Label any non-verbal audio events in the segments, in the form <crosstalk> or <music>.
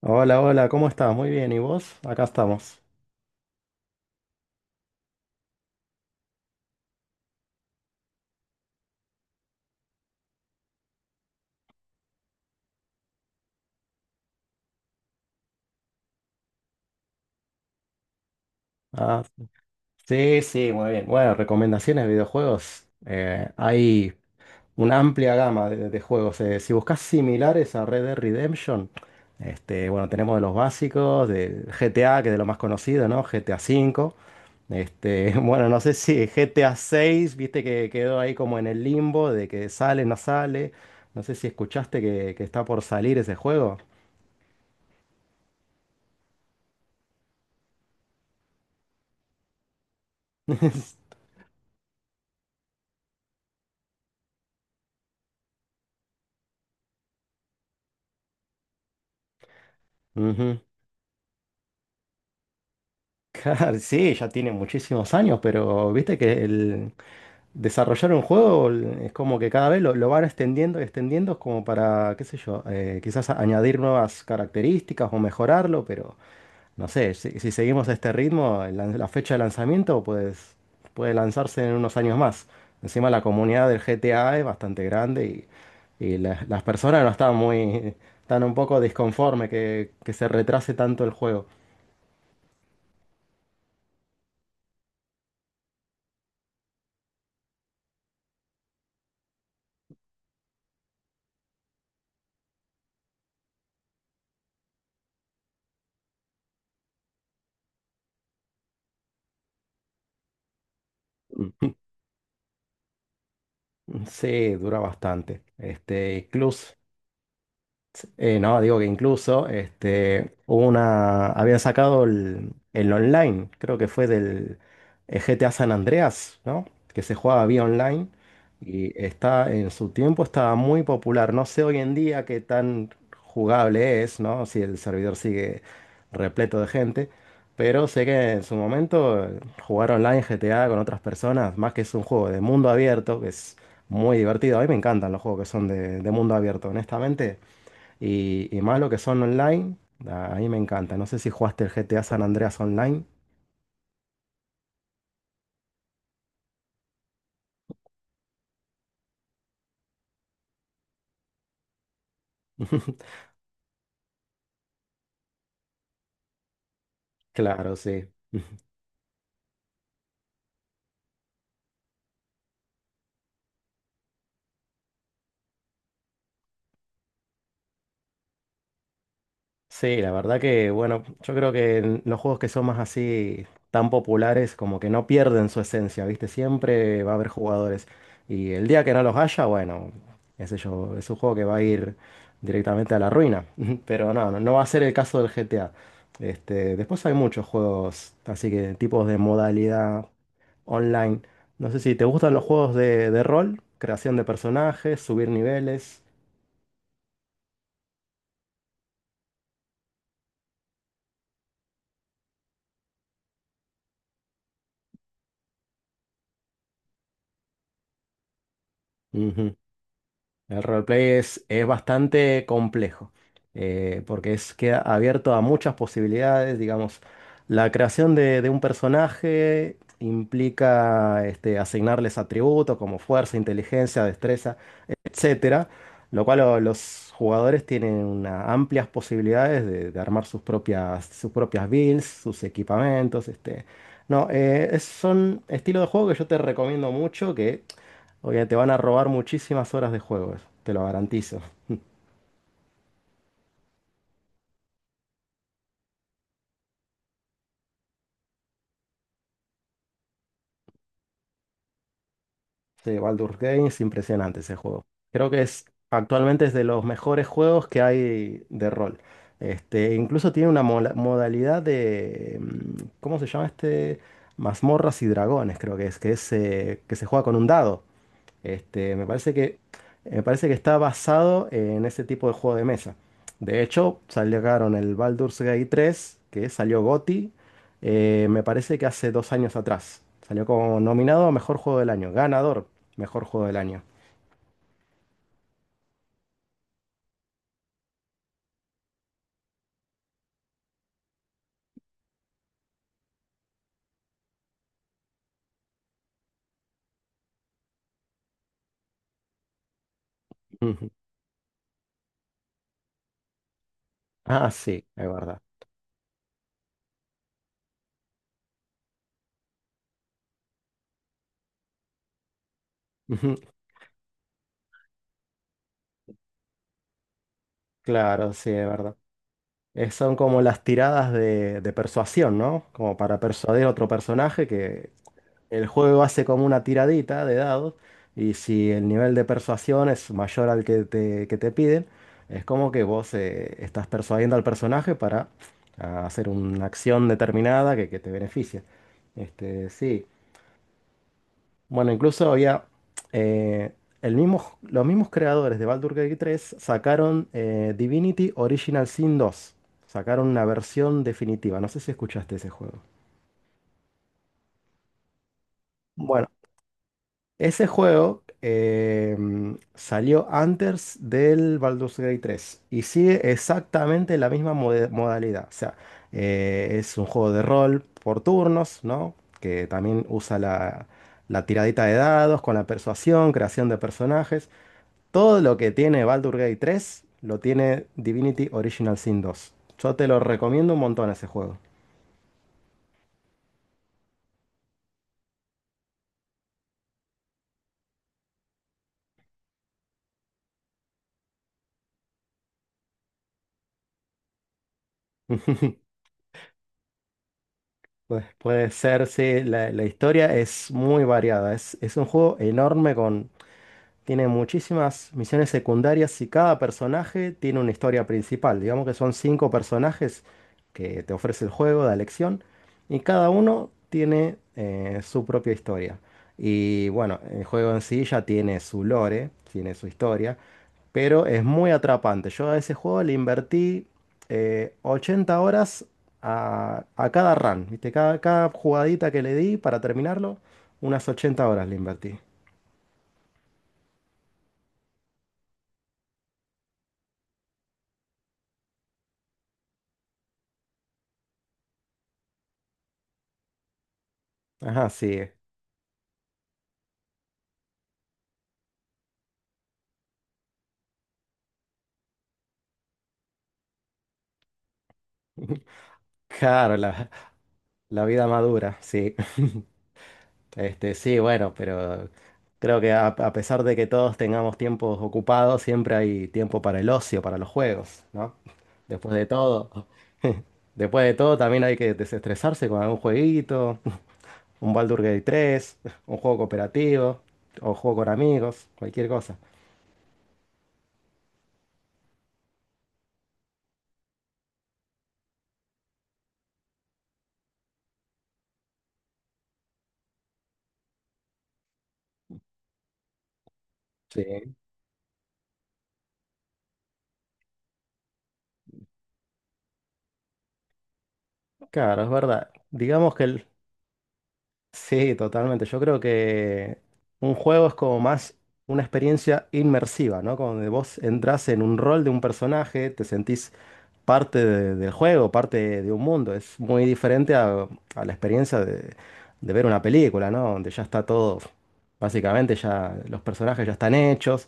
Hola, hola, ¿cómo estás? Muy bien, ¿y vos? Acá estamos. Ah, sí, sí, muy bien. Bueno, recomendaciones de videojuegos. Hay una amplia gama de juegos. Si buscas similares a Red Dead Redemption, bueno, tenemos de los básicos, de GTA, que es de lo más conocido, ¿no? GTA cinco. <laughs> Bueno, no sé si GTA 6 viste que quedó ahí como en el limbo de que sale. No sé si escuchaste que está por salir ese juego. <laughs> Ujú. Claro, sí, ya tiene muchísimos años, pero viste que el desarrollar un juego es como que cada vez lo van extendiendo y extendiendo como para, qué sé yo, quizás añadir nuevas características o mejorarlo, pero no sé, si seguimos a este ritmo, la fecha de lanzamiento pues puede lanzarse en unos años más. Encima la comunidad del GTA es bastante grande y las personas no están están un poco disconformes que se retrase tanto el juego. Sí, dura bastante. No, digo que habían sacado el online, creo que fue del GTA San Andreas, ¿no? Que se jugaba vía online y está en su tiempo estaba muy popular. No sé hoy en día qué tan jugable es, ¿no? Si el servidor sigue repleto de gente, pero sé que en su momento jugar online GTA con otras personas, más que es un juego de mundo abierto, que es muy divertido. A mí me encantan los juegos que son de mundo abierto, honestamente. Y más lo que son online, a mí me encanta. No sé si jugaste el GTA San Andreas online. <laughs> Claro, sí. Sí, la verdad que, bueno, yo creo que en los juegos que son más así tan populares, como que no pierden su esencia, ¿viste? Siempre va a haber jugadores. Y el día que no los haya, bueno, qué sé yo, es un juego que va a ir directamente a la ruina. <laughs> Pero no, no, no va a ser el caso del GTA. Después hay muchos juegos, así que tipos de modalidad online. No sé si te gustan los juegos de rol, creación de personajes, subir niveles. El roleplay es bastante complejo, porque queda abierto a muchas posibilidades, digamos. La creación de un personaje implica asignarles atributos como fuerza, inteligencia, destreza, etcétera, lo cual los jugadores tienen amplias posibilidades de armar sus propias builds, sus equipamientos. No, son estilo de juego que yo te recomiendo mucho, que porque te van a robar muchísimas horas de juego, eso, te lo garantizo. Sí, Baldur's Gate es impresionante ese juego. Creo que es actualmente es de los mejores juegos que hay de rol. Incluso tiene una modalidad de, ¿cómo se llama este? Mazmorras y dragones, creo que es, que se juega con un dado. Este, me parece que, me parece que está basado en ese tipo de juego de mesa. De hecho, salieron el Baldur's Gate 3, que salió GOTY, me parece que hace 2 años atrás. Salió como nominado a Mejor Juego del Año, ganador, Mejor Juego del Año. Ujú. Ah, sí, es verdad. Ujú. Claro, sí, es verdad. Son como las tiradas de persuasión, ¿no? Como para persuadir a otro personaje. El juego hace como una tiradita de dados y si el nivel de persuasión es mayor al que te piden, es como que vos estás persuadiendo al personaje para hacer una acción determinada que te beneficia. Sí. Bueno, incluso había eh, el mismo, los mismos creadores de Baldur's Gate 3 sacaron Divinity Original Sin 2. Sacaron una versión definitiva. No sé si escuchaste ese juego. Bueno, ese juego salió antes del Baldur's Gate 3 y sigue exactamente la misma modalidad. O sea, es un juego de rol por turnos, ¿no? Que también usa la tiradita de dados con la persuasión, creación de personajes. Todo lo que tiene Baldur's Gate 3 lo tiene Divinity Original Sin 2. Yo te lo recomiendo un montón ese juego. <laughs> Pues puede ser, sí, la historia es muy variada. Es un juego enorme tiene muchísimas misiones secundarias y cada personaje tiene una historia principal. Digamos que son cinco personajes que te ofrece el juego de elección y cada uno tiene su propia historia. Y bueno, el juego en sí ya tiene su lore, tiene su historia, pero es muy atrapante. Yo a ese juego le invertí 80 horas a cada run, ¿viste? Cada jugadita que le di para terminarlo, unas 80 horas le invertí. Ajá, sí. Claro, la vida madura, sí. Sí, bueno, pero creo que a pesar de que todos tengamos tiempos ocupados, siempre hay tiempo para el ocio, para los juegos, ¿no? Después de todo, <laughs> después de todo también hay que desestresarse con algún jueguito, un Baldur's Gate 3, un juego cooperativo, o juego con amigos, cualquier cosa. Sí, claro, es verdad. Sí, totalmente. Yo creo que un juego es como más una experiencia inmersiva, ¿no? Como de vos entras en un rol de un personaje, te sentís parte del juego, parte de un mundo. Es muy diferente a la experiencia de ver una película, ¿no? Donde ya está todo, básicamente ya los personajes ya están hechos.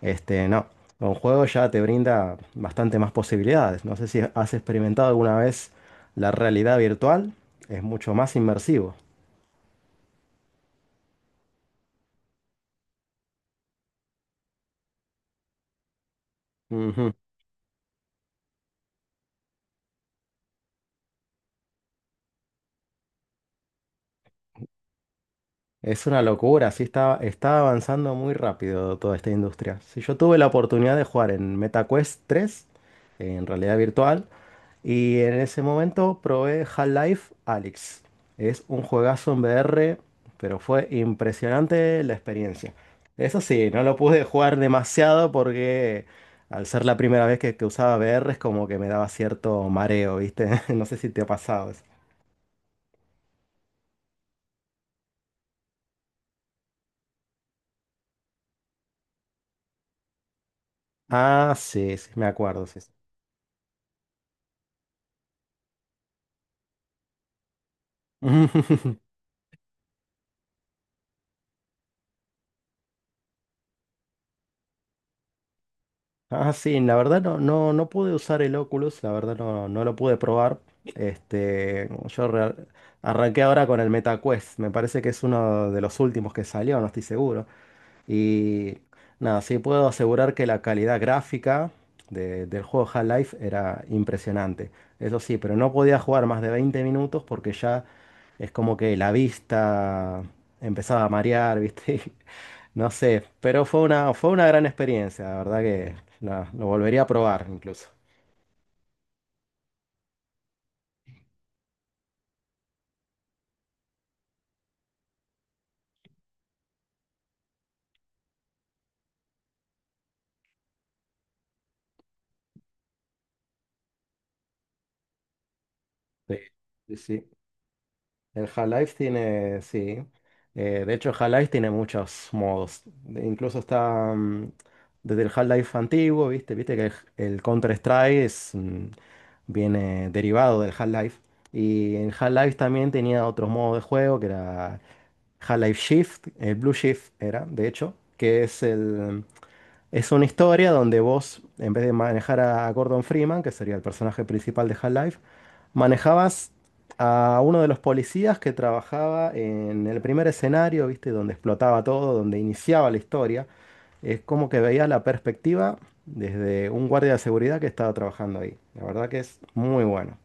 No, un juego ya te brinda bastante más posibilidades. No sé si has experimentado alguna vez la realidad virtual, es mucho más inmersivo. Es una locura, sí está avanzando muy rápido toda esta industria. Sí, yo tuve la oportunidad de jugar en MetaQuest 3, en realidad virtual, y en ese momento probé Half-Life Alyx. Es un juegazo en VR, pero fue impresionante la experiencia. Eso sí, no lo pude jugar demasiado porque al ser la primera vez que usaba VR es como que me daba cierto mareo, ¿viste? <laughs> No sé si te ha pasado eso. Ah, sí, sí, me acuerdo, sí. <laughs> Ah, sí, la verdad no, no, no pude usar el Oculus, la verdad no, no lo pude probar. Este, yo re- Arranqué ahora con el MetaQuest, me parece que es uno de los últimos que salió, no estoy seguro. Y nada, sí puedo asegurar que la calidad gráfica del juego Half-Life era impresionante. Eso sí, pero no podía jugar más de 20 minutos porque ya es como que la vista empezaba a marear, ¿viste? <laughs> No sé, pero fue fue una gran experiencia, la verdad que lo volvería a probar incluso. Sí, sí, sí. Sí. De hecho, el Half-Life tiene muchos modos. Incluso desde el Half-Life antiguo, ¿viste? Viste que Counter-Strike viene derivado del Half-Life. Y en Half-Life también tenía otros modos de juego, que era Half-Life Shift, el Blue Shift era, de hecho, que es el... Es una historia donde vos, en vez de manejar a Gordon Freeman, que sería el personaje principal de Half-Life, manejabas a uno de los policías que trabajaba en el primer escenario, ¿viste? Donde explotaba todo, donde iniciaba la historia. Es como que veías la perspectiva desde un guardia de seguridad que estaba trabajando ahí. La verdad que es muy bueno.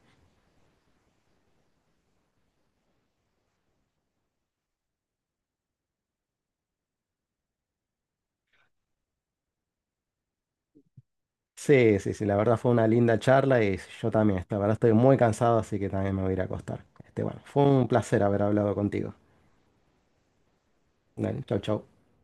Sí, sí, sí, la verdad fue una linda charla y yo también, la verdad estoy muy cansado, así que también me voy a ir a acostar. Bueno, fue un placer haber hablado contigo. Dale, chau, chau.